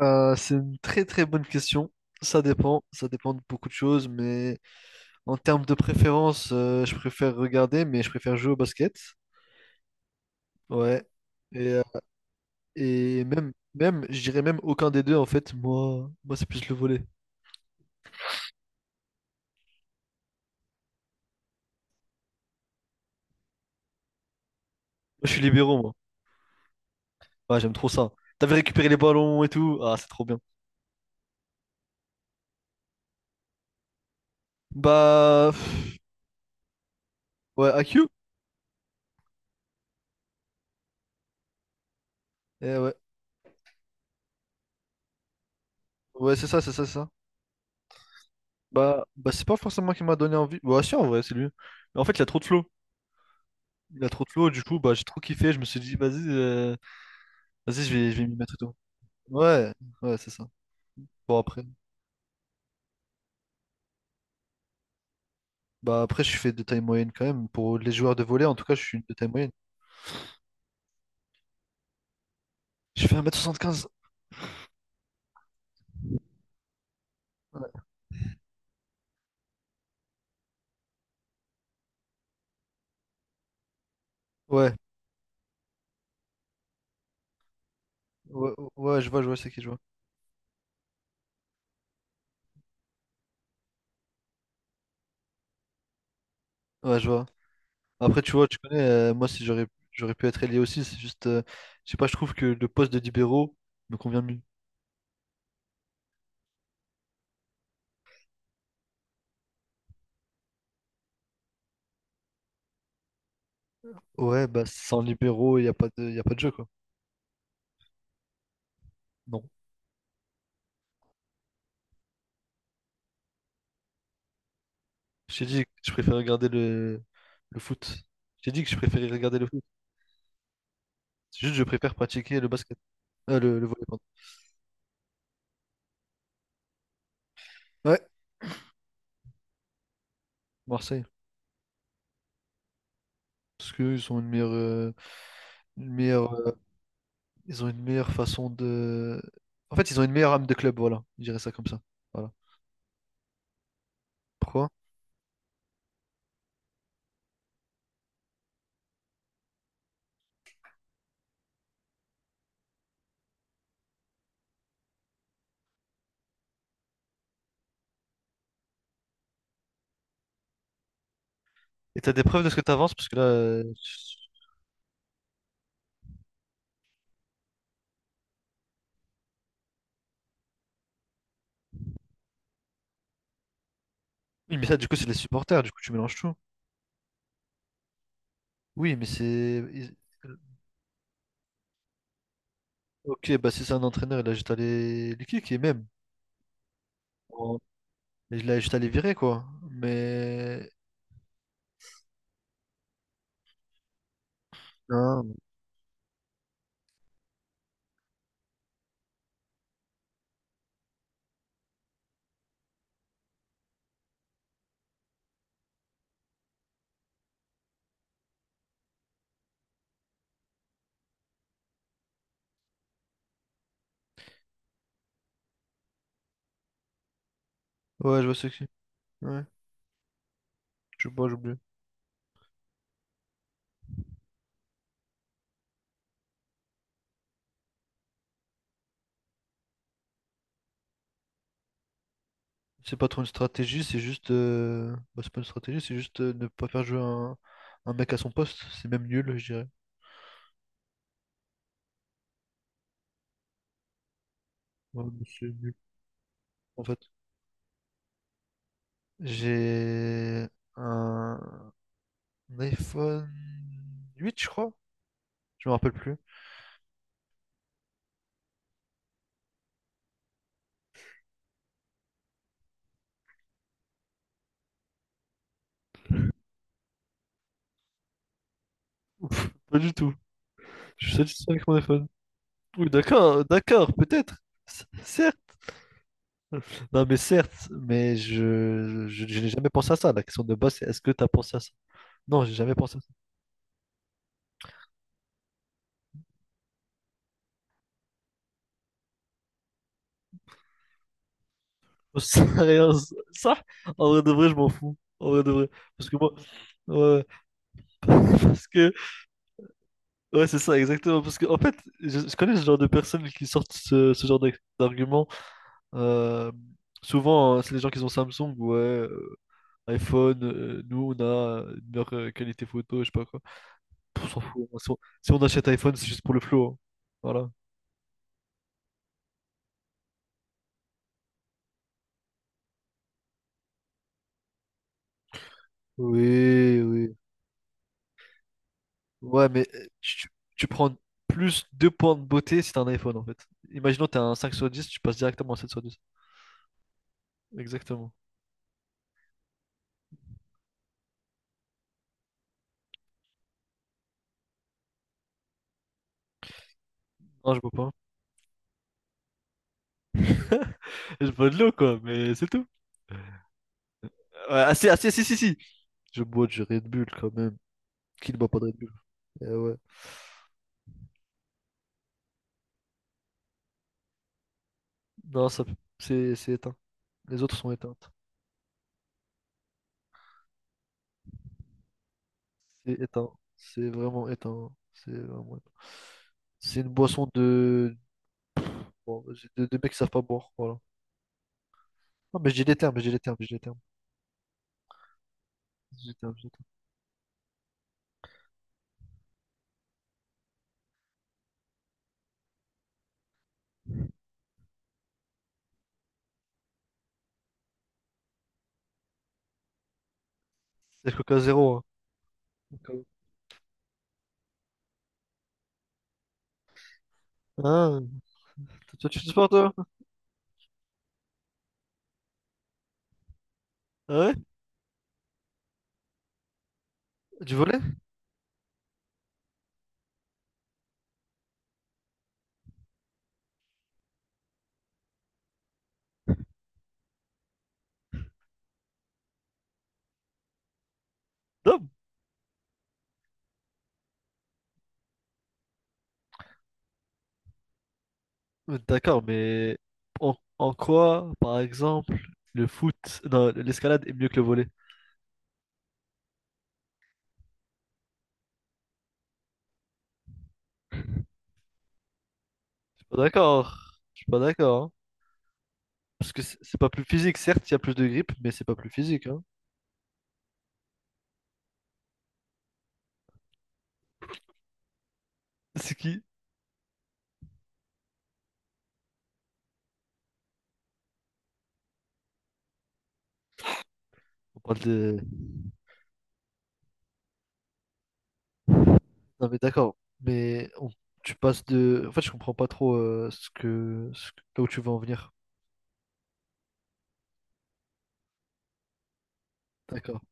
C'est une très très bonne question. Ça dépend de beaucoup de choses, mais en termes de préférence, je préfère regarder, mais je préfère jouer au basket. Ouais. Et, euh, et je dirais même aucun des deux en fait. Moi, c'est plus le volley. Moi, je suis libéraux, moi. Ouais, j'aime trop ça. T'avais récupéré les ballons et tout. Ah, c'est trop bien. Bah, pff, ouais, AQ. Eh ouais, ouais, c'est ça. Bah c'est pas forcément qui m'a donné envie. Bah si, en vrai, c'est lui. Mais en fait, il a trop de flow. Il a trop de flow, du coup, bah, j'ai trop kiffé. Je me suis dit, vas-y, je vais m'y mettre et tout. Ouais, ouais, c'est ça. Bon, après, bah, après, je fais de taille moyenne quand même. Pour les joueurs de volley, en tout cas, je suis de taille moyenne. Je fais 1 m 75. Ouais, ouais, ouais, ouais, je vois, c'est qui, je vois. Ouais, je vois. Après, tu vois, tu connais, moi, si j'aurais, j'aurais pu être ailier aussi, c'est juste, je sais pas, je trouve que le poste de libéraux me convient mieux. Ouais, bah, sans libéraux, il n'y a pas de, y a pas de jeu, quoi. Non. J'ai dit que je préfère regarder le foot. J'ai dit que je préférais regarder le. C'est juste, je préfère pratiquer le basket, le volley, pardon. Ouais, Marseille, parce qu'ils ont une meilleure, une meilleure, euh, ils ont une meilleure façon de. En fait, ils ont une meilleure âme de club, voilà. Je dirais ça comme ça. Voilà. Pourquoi? Et t'as des preuves de ce que t'avances, parce que là, oui, mais ça, du coup, c'est les supporters. Du coup, tu mélanges tout. Oui, mais c'est. Ils-. Ok, bah si c'est un entraîneur, il a juste à les kick et même. Bon, il a juste à les virer, quoi. Mais. Non. Ouais, je vois ce que. Ouais. Je sais pas, j'oublie. C'est pas trop une stratégie, c'est juste. C'est pas une stratégie, c'est juste ne pas faire jouer un mec à son poste. C'est même nul, je dirais. Ouais, mais c'est nul, en fait. J'ai un iPhone 8, je crois. Je me rappelle plus. Ouf, pas du tout. Je suis satisfait avec mon iPhone. Oui, d'accord, d'accord, peut-être. C- Certes. Non, mais certes, mais je n'ai jamais pensé à ça. La question de base, c'est est-ce que tu as pensé à ça? Non, j'ai jamais pensé. Rien ça, en vrai de vrai, je m'en fous. En vrai de vrai. Parce que moi, ouais, parce que, ouais, c'est ça, exactement. Parce que, en fait, je connais ce genre de personnes qui sortent ce genre d'arguments. Euh, Souvent, hein, c'est les gens qui ont Samsung, ouais, iPhone, nous, on a une meilleure qualité photo, je sais pas quoi. On s'en fout. Hein. Si on achète iPhone, c'est juste pour le flow. Hein. Voilà. Oui, oui. Ouais, mais tu prends plus 2 points de beauté si t'as un iPhone en fait. Imaginons t'as un 5 sur 10 tu passes directement à 7 sur dix. Exactement. Non, je bois pas. Je bois de l'eau quoi, mais c'est tout. Ouais, ah, si, ah, si. Je bois du Red Bull quand même. Qui ne boit pas de Red Bull? Eh ouais. Non, ça, c'est éteint. Les autres sont éteintes. C'est éteint. C'est vraiment éteint. C'est vraiment éteint. C'est une boisson de... Bon, vas-y, de mecs qui savent pas boire, voilà. Non, mais j'ai des termes. J'ai des termes. C'est Coca Zéro, hein. Ah, toi tu fais du sport toi? Ah ouais? Du volley? Non. Mais d'accord, mais en quoi, par exemple, le foot, non, l'escalade est mieux que le volley? Je suis pas d'accord. Je suis pas d'accord. Hein. Parce que c'est pas plus physique, certes, il y a plus de grip, mais c'est pas plus physique, hein. C'est qui? On parle de... Non mais d'accord, mais on- tu passes de... En fait, je comprends pas trop ce que- là où tu veux en venir. D'accord.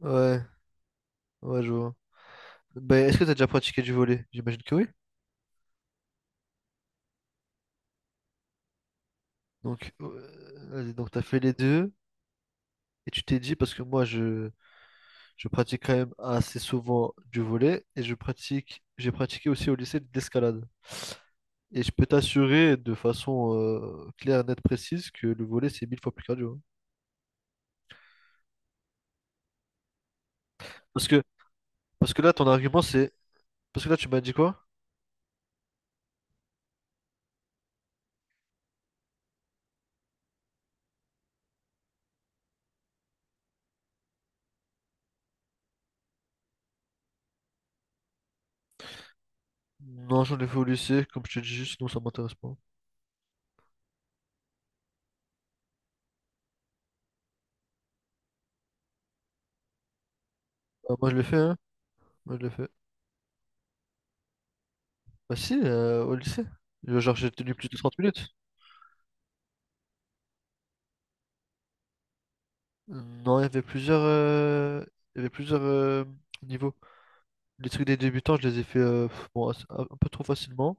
Ouais, ouais, je vois. Ben, est-ce que t'as déjà pratiqué du volley? J'imagine que oui. Donc, vas-y, donc t'as fait les deux et tu t'es dit parce que je pratique quand même assez souvent du volet et je pratique j'ai pratiqué aussi au lycée de l'escalade. Et je peux t'assurer de façon claire, nette, précise que le volet c'est mille fois plus cardio. Hein. Parce que parce que là ton argument c'est parce que là tu m'as dit quoi? Non, j'en ai fait au lycée, comme je te dis, sinon ça m'intéresse pas. Ah, moi je l'ai fait, hein? Moi je l'ai fait. Bah si, au lycée. Genre j'ai tenu plus de 30 minutes. Non, il y avait plusieurs il y avait plusieurs euh, niveaux. Les trucs des débutants, je les ai fait bon, un peu trop facilement.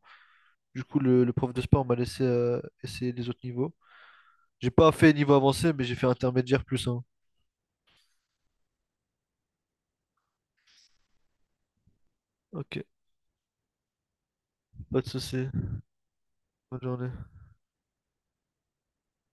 Du coup, le prof de sport m'a laissé essayer les autres niveaux. J'ai pas fait niveau avancé, mais j'ai fait intermédiaire plus un. Ok, pas de souci. Bonne journée.